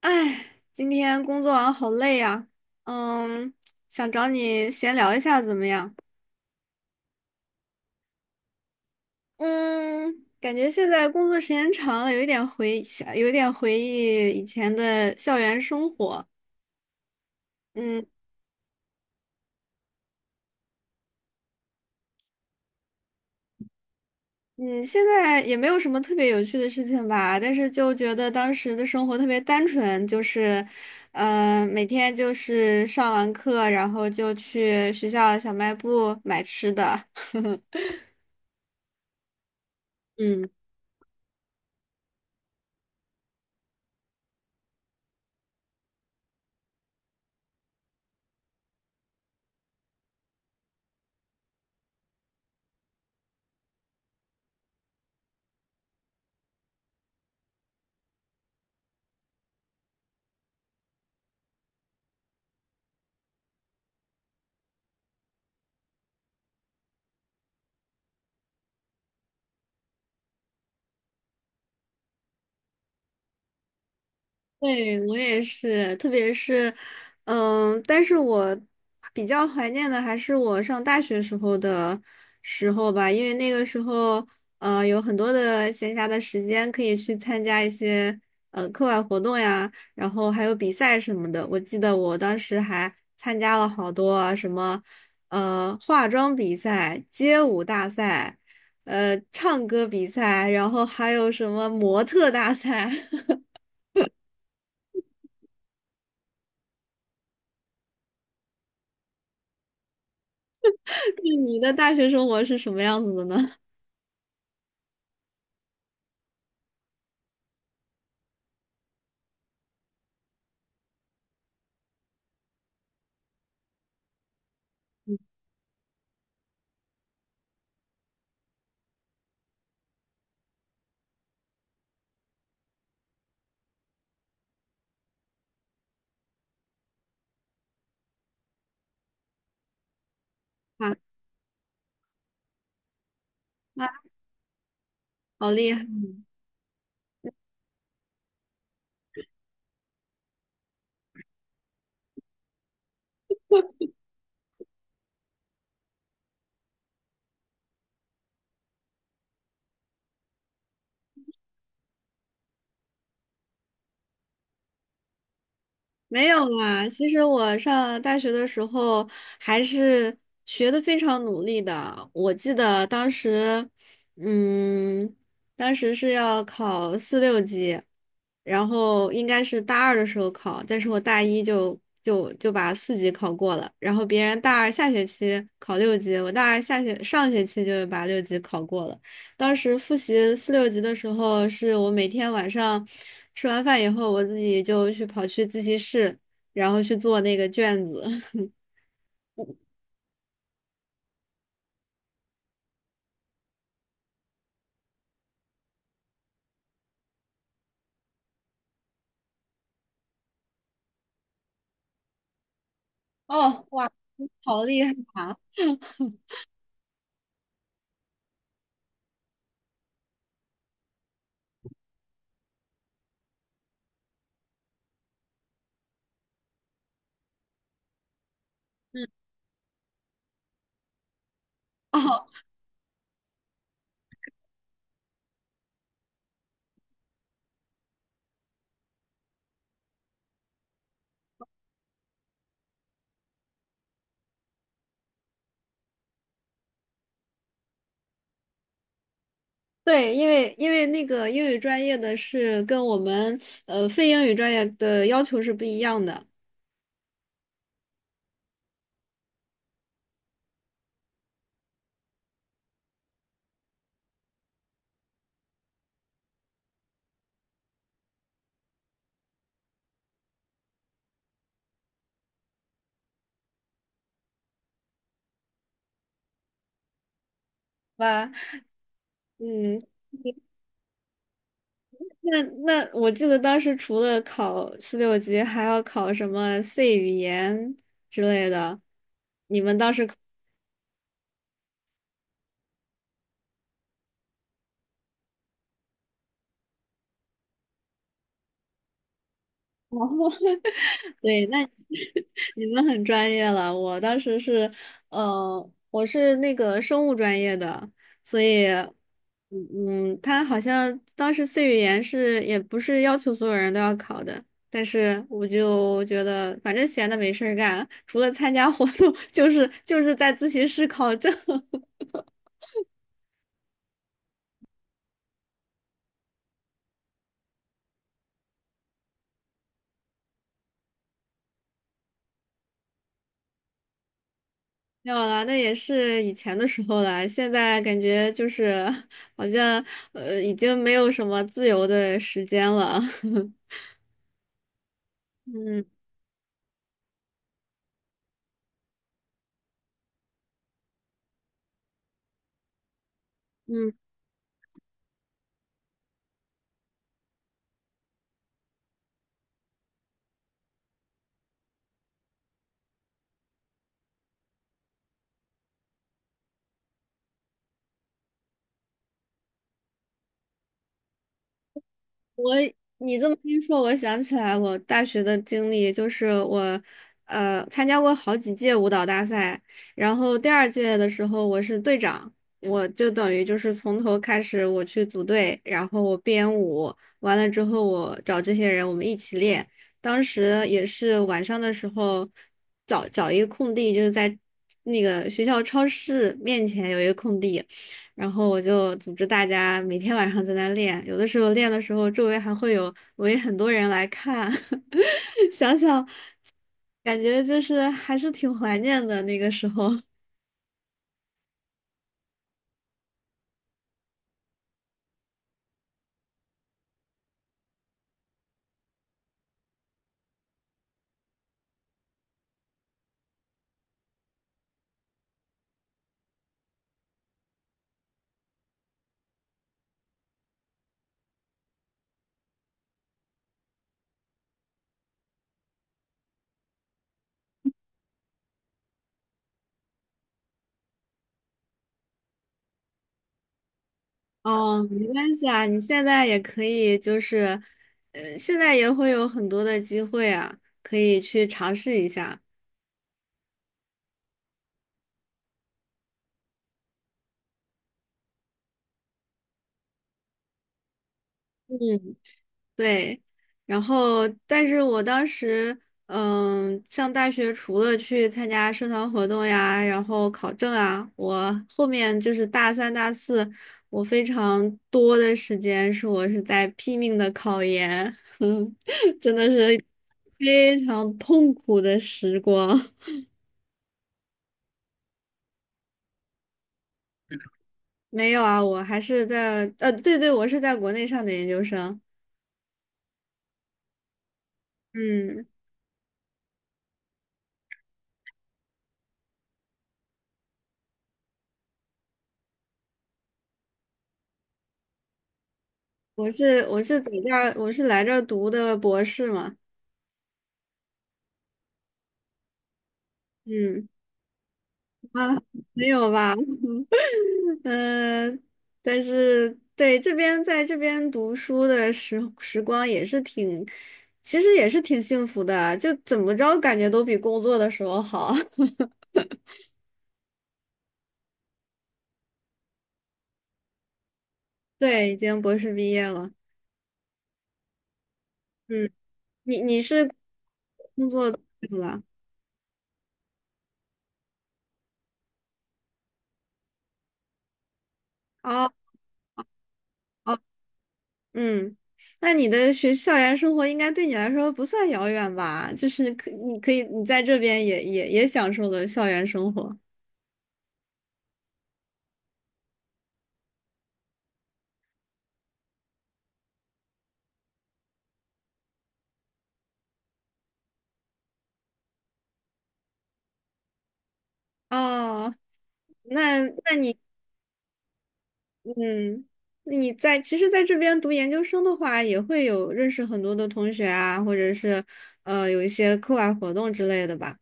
哎，今天工作完好累呀，嗯，想找你闲聊一下怎么样？嗯，感觉现在工作时间长了，有一点回想，有一点回忆以前的校园生活。嗯嗯，现在也没有什么特别有趣的事情吧，但是就觉得当时的生活特别单纯，就是，每天就是上完课，然后就去学校小卖部买吃的。嗯。对，我也是，特别是，但是我比较怀念的还是我上大学时候吧，因为那个时候，有很多的闲暇的时间可以去参加一些课外活动呀，然后还有比赛什么的。我记得我当时还参加了好多啊什么，化妆比赛、街舞大赛，唱歌比赛，然后还有什么模特大赛。你的大学生活是什么样子的呢？啊，那好厉害！没有啦，其实我上大学的时候还是学的非常努力的。我记得当时，嗯，当时是要考四六级，然后应该是大二的时候考，但是我大一就把四级考过了，然后别人大二下学期考六级，我大二上学期就把六级考过了。当时复习四六级的时候，是我每天晚上吃完饭以后，我自己就去跑去自习室，然后去做那个卷子。哦，哇，你好厉害啊！嗯，哦，对，因为那个英语专业的是跟我们非英语专业的要求是不一样的吧？嗯，那我记得当时除了考四六级，还要考什么 C 语言之类的，你们当时考吗？对，那 你们很专业了。我当时是，我是那个生物专业的，所以，嗯，他好像当时 C 语言是也不是要求所有人都要考的，但是我就觉得反正闲的没事儿干，除了参加活动，就是在自习室考证。没有啦，那也是以前的时候了。现在感觉就是好像已经没有什么自由的时间了。嗯。嗯，我你这么一说，我想起来我大学的经历，就是我，参加过好几届舞蹈大赛，然后第二届的时候我是队长，我就等于就是从头开始我去组队，然后我编舞，完了之后我找这些人我们一起练，当时也是晚上的时候找找一个空地，就是在那个学校超市面前有一个空地。然后我就组织大家每天晚上在那练，有的时候练的时候，周围还会有围很多人来看，想想感觉就是还是挺怀念的那个时候。哦，没关系啊，你现在也可以，就是，现在也会有很多的机会啊，可以去尝试一下。嗯。对，然后但是我当时，上大学除了去参加社团活动呀，然后考证啊，我后面就是大三、大四，我非常多的时间是在拼命的考研，嗯真的是非常痛苦的时光。没有啊，我还是在，对对，我是在国内上的研究生，嗯，我是在这儿，我是来这儿读的博士嘛，嗯。啊，没有吧？嗯、但是对这边在这边读书的时光也是挺，其实也是挺幸福的啊，就怎么着感觉都比工作的时候好。对，已经博士毕业了。嗯，你是工作多久了？哦哦，嗯，那你的校园生活应该对你来说不算遥远吧？就是可你可以你在这边也享受了校园生活。哦，那你。嗯，那你其实在这边读研究生的话，也会有认识很多的同学啊，或者是有一些课外活动之类的吧。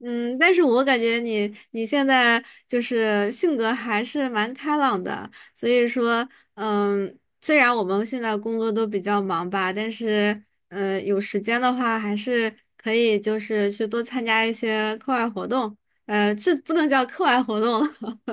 嗯，但是我感觉你现在就是性格还是蛮开朗的，所以说，虽然我们现在工作都比较忙吧，但是有时间的话，还是可以就是去多参加一些课外活动。这不能叫课外活动了。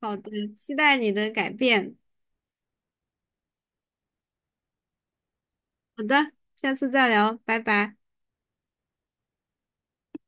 好的，期待你的改变。好的，下次再聊，拜拜。